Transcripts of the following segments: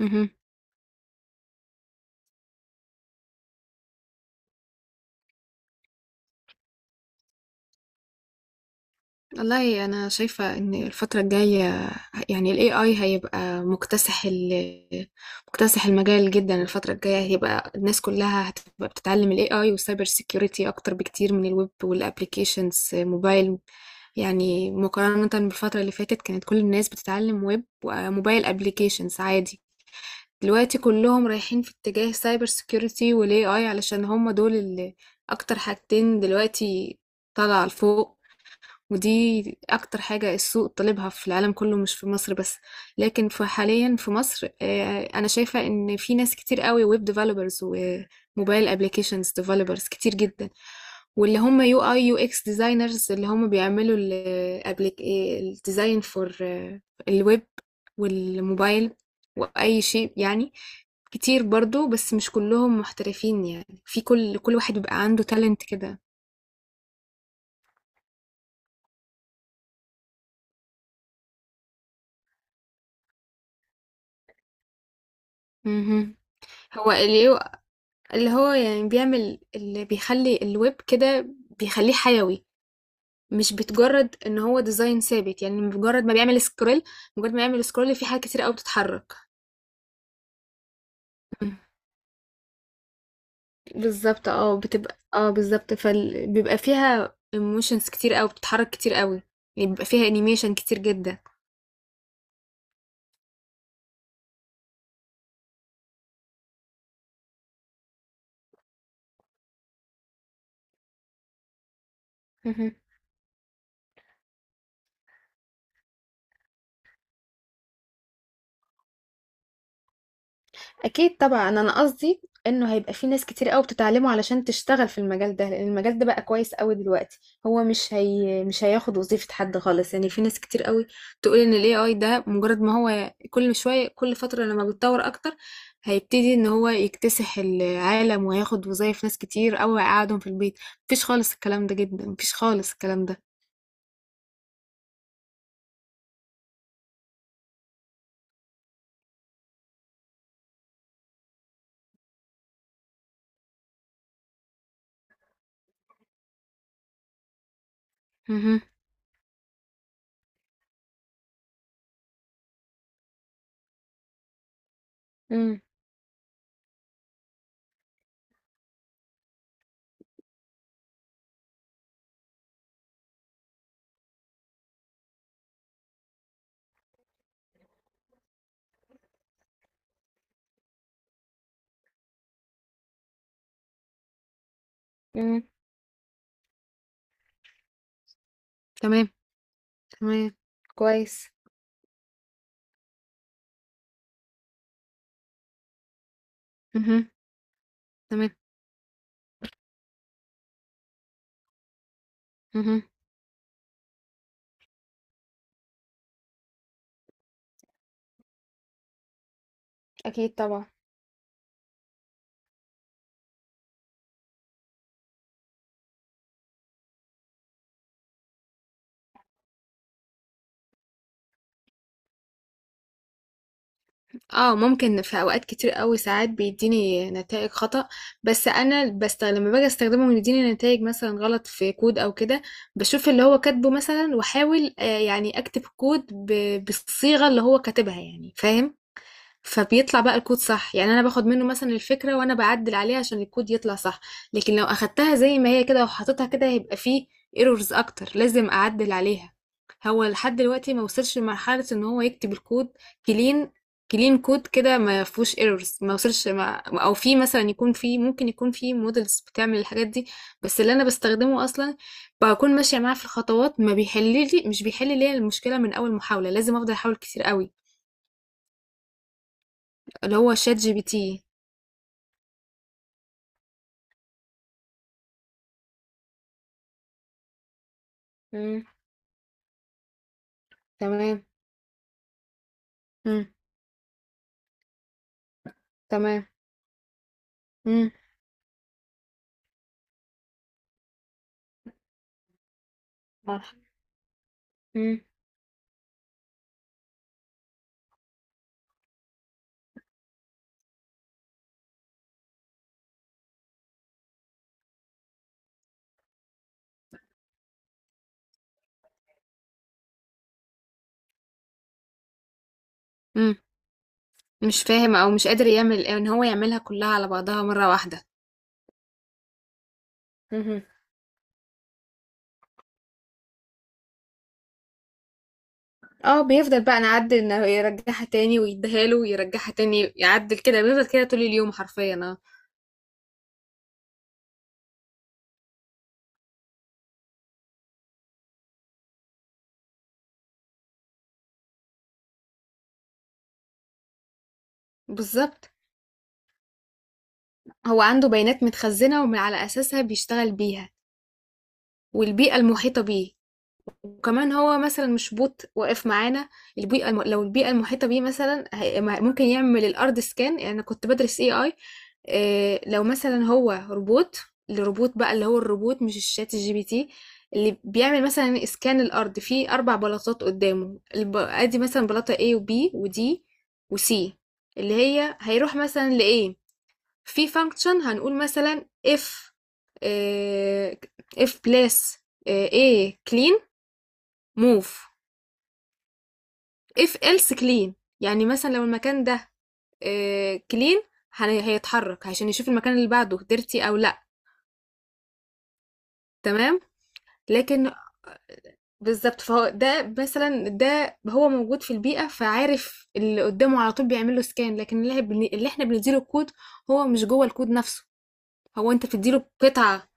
اهم. والله أنا شايفة إن الفترة الجاية يعني الAI هيبقى مكتسح المجال جدًا. الفترة الجاية هيبقى الناس كلها هتبقى بتتعلم الAI والcyber security أكتر بكتير من الويب والapplications موبايل، يعني مقارنة بالفترة اللي فاتت كانت كل الناس بتتعلم ويب وموبايل applications عادي. دلوقتي كلهم رايحين في اتجاه cyber security وال AI، علشان هم دول اللي أكتر حاجتين دلوقتي طالعة لفوق. ودي أكتر حاجة السوق طالبها في العالم كله، مش في مصر بس. لكن في حاليا في مصر آه، أنا شايفة إن في ناس كتير قوي ويب ديفلوبرز وموبايل أبليكيشنز ديفلوبرز كتير جدا، واللي هم يو اي يو اكس ديزاينرز، اللي هم بيعملوا الديزاين فور الويب والموبايل واي شيء يعني. كتير برضو، بس مش كلهم محترفين، يعني في كل واحد بيبقى عنده تالنت كده. مهم. هو ال اللي هو يعني بيعمل اللي بيخلي الويب كده، بيخليه حيوي، مش بتجرد ان هو ديزاين ثابت. يعني مجرد ما بيعمل سكرول، مجرد ما يعمل سكرول، في حاجات كتير قوي بتتحرك. مم. بالظبط، اه بتبقى اه بالظبط، فبيبقى فيها ايموشنز كتير قوي، بتتحرك كتير قوي، يعني بيبقى فيها انيميشن كتير جدا. اكيد طبعا، انا قصدي انه هيبقى في ناس كتير قوي بتتعلمه علشان تشتغل في المجال ده، لان المجال ده بقى كويس قوي دلوقتي. هو مش هي مش هياخد وظيفة حد خالص. يعني في ناس كتير قوي تقول ان الاي اي ده مجرد ما هو كل شوية، كل فترة لما بيتطور اكتر هيبتدي ان هو يكتسح العالم وهياخد وظايف ناس كتير قوي ويقعدهم في البيت. مفيش خالص الكلام ده جدا، مفيش خالص الكلام ده. مهم. مم. مم. تمام. تمام. كويس. مهم. تمام. مهم. اكيد طبعا. اه ممكن، في اوقات كتير قوي ساعات بيديني نتائج خطأ. بس انا بست لما باجي استخدمه ويديني نتائج مثلا غلط في كود او كده، بشوف اللي هو كاتبه مثلا واحاول يعني اكتب كود بالصيغة اللي هو كاتبها، يعني فاهم. فبيطلع بقى الكود صح، يعني انا باخد منه مثلا الفكره وانا بعدل عليها عشان الكود يطلع صح. لكن لو اخدتها زي ما هي كده وحطيتها كده هيبقى فيه ايرورز اكتر، لازم اعدل عليها. هو لحد دلوقتي ما وصلش لمرحله ان هو يكتب الكود كلين كلين كود كده ما فيهوش ايرورز. ما وصلش، ما او في مثلا يكون في ممكن يكون في مودلز بتعمل الحاجات دي، بس اللي انا بستخدمه اصلا بكون ماشيه معاه في الخطوات، ما بيحل لي مش بيحل لي المشكله من اول محاوله، لازم افضل احاول كتير قوي. اللي هو شات جي بي تي. إمم، تمام، إمم، تمام، إمم. مرحب. إمم. إمم، مش فاهم أو مش قادر يعمل، إن هو يعملها كلّها على بعضها مرّة واحدة. اهم، بيفضل بقى نعدّل، إن يرجّعها تاني ويدّيها له ويرجّعها تاني، يعدّل كده، بيفضل كده طول اليوم حرفيًا آه. بالضبط، هو عنده بيانات متخزّنة ومن على أساسها بيشتغل بيها، والبيئة المحيطة بيه. وكمان هو مثلا مش بوت واقف معانا. لو البيئة المحيطة بيه مثلا ممكن يعمل الأرض سكان. يعني أنا كنت بدرس اي اي. إيه، لو مثلا هو روبوت، الروبوت بقى، اللي هو الروبوت مش الشات الجي بي تي، اللي بيعمل مثلا اسكان الارض في اربع بلاطات قدامه. ادي مثلا بلاطه A و B و D و C، اللي هي هيروح مثلا ل A. في فانكشن هنقول مثلا if، آه، if place، A clean move، if else clean. يعني مثلا لو المكان ده clean، هيتحرك عشان يشوف المكان اللي بعده dirty او لا. تمام. لكن بالظبط، فهو ده مثلا، ده هو موجود في البيئة فعارف اللي قدامه على طول، بيعمل له سكان. لكن اللي احنا بنديله الكود، هو مش جوه الكود نفسه، هو انت بتديله قطعة،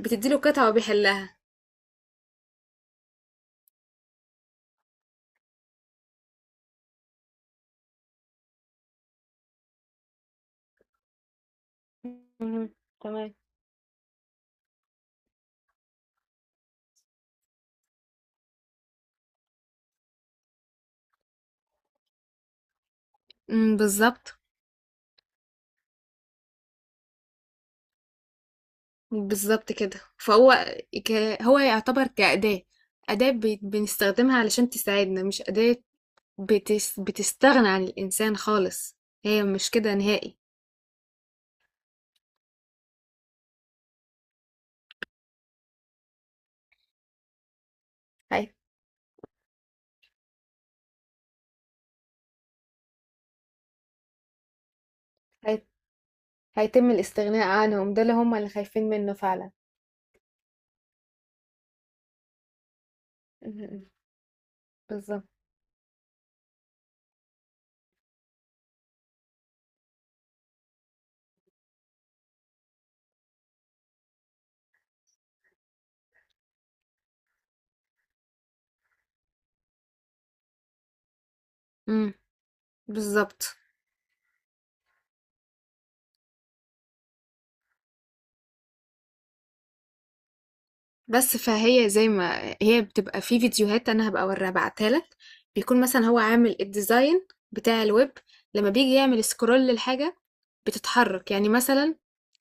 بتديله قطعة وبيحلها. مهم. تمام. بالظبط. بالظبط كده. ك... هو يعتبر كأداة، أداة بنستخدمها علشان تساعدنا، مش أداة بتستغنى عن الإنسان خالص. هي مش كده نهائي. هي... هي... هيتم الاستغناء عنهم، ده اللي هم اللي خايفين منه فعلا. م- م. بالظبط. امم بالظبط. بس فهي زي ما هي بتبقى في فيديوهات، انا هبقى اوريها ابعتها لك. بيكون مثلا هو عامل الديزاين بتاع الويب، لما بيجي يعمل سكرول للحاجة بتتحرك. يعني مثلا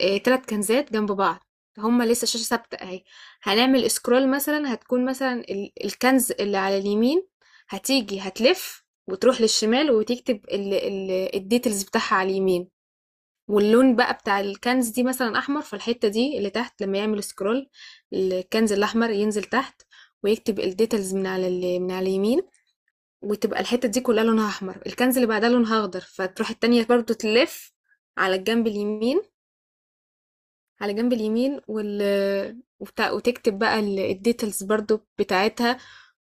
آه، تلات كنزات جنب بعض، هما لسه شاشة ثابتة اهي. هنعمل سكرول مثلا، هتكون مثلا الكنز اللي على اليمين هتيجي هتلف وتروح للشمال، وتكتب الديتيلز بتاعها على اليمين. واللون بقى بتاع الكنز دي مثلا احمر، فالحته دي اللي تحت لما يعمل سكرول الكنز الاحمر ينزل تحت، ويكتب الديتيلز من على من على اليمين، وتبقى الحته دي كلها لونها احمر. الكنز اللي بعدها لونها اخضر، فتروح التانية برضو تلف على الجنب اليمين، على جنب اليمين، وال... وبتاع وتكتب بقى الديتيلز برضو بتاعتها،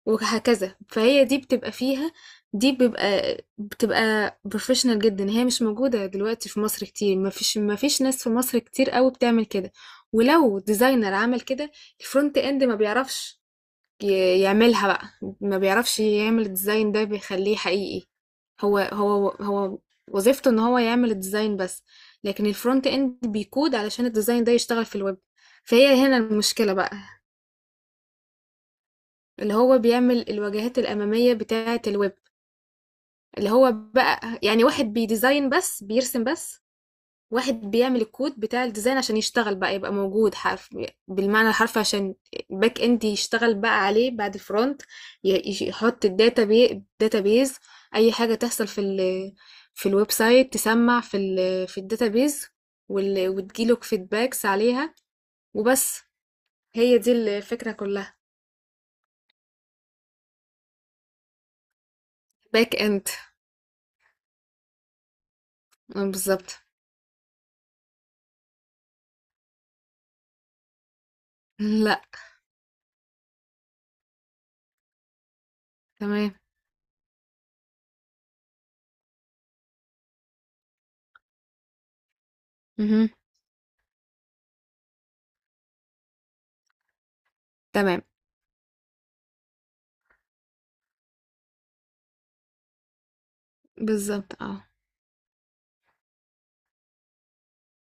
وهكذا. فهي دي بتبقى فيها، دي بيبقى بتبقى بروفيشنال جدا. هي مش موجودة دلوقتي في مصر كتير، ما فيش ناس في مصر كتير قوي بتعمل كده. ولو ديزاينر عمل كده، الفرونت اند ما بيعرفش يعملها بقى، ما بيعرفش يعمل الديزاين ده بيخليه حقيقي. هو وظيفته ان هو يعمل الديزاين بس، لكن الفرونت اند بيكود علشان الديزاين ده يشتغل في الويب. فهي هنا المشكلة بقى. اللي هو بيعمل الواجهات الأمامية بتاعة الويب، اللي هو بقى يعني واحد بيديزاين بس، بيرسم بس، واحد بيعمل الكود بتاع الديزاين عشان يشتغل بقى، يبقى موجود حرف، بالمعنى الحرفي، عشان الباك اند يشتغل بقى عليه بعد الفرونت، يحط الداتا بي داتا بيز، اي حاجه تحصل في في الويب سايت تسمع في في الداتا بيز، وتجيله فيدباكس عليها، وبس. هي دي الفكره كلها. باك اند. آه، بالظبط لا. تمام. مهم. تمام. بالظبط اه.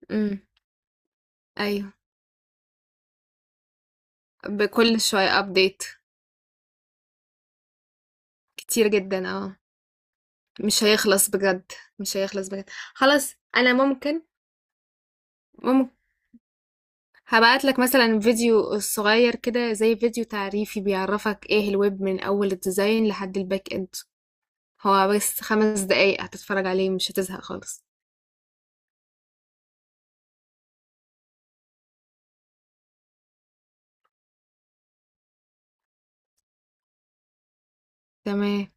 امم. ايوه، بكل شويه ابديت. كتير جدا اه. مش هيخلص بجد، مش هيخلص بجد. خلاص. انا ممكن. ممكن. هبعت لك مثلا فيديو صغير كده، زي فيديو تعريفي بيعرفك ايه الويب من اول الديزاين لحد الباك اند. هو بس 5 دقايق هتتفرج عليه، مش هتزهق خالص. تمام.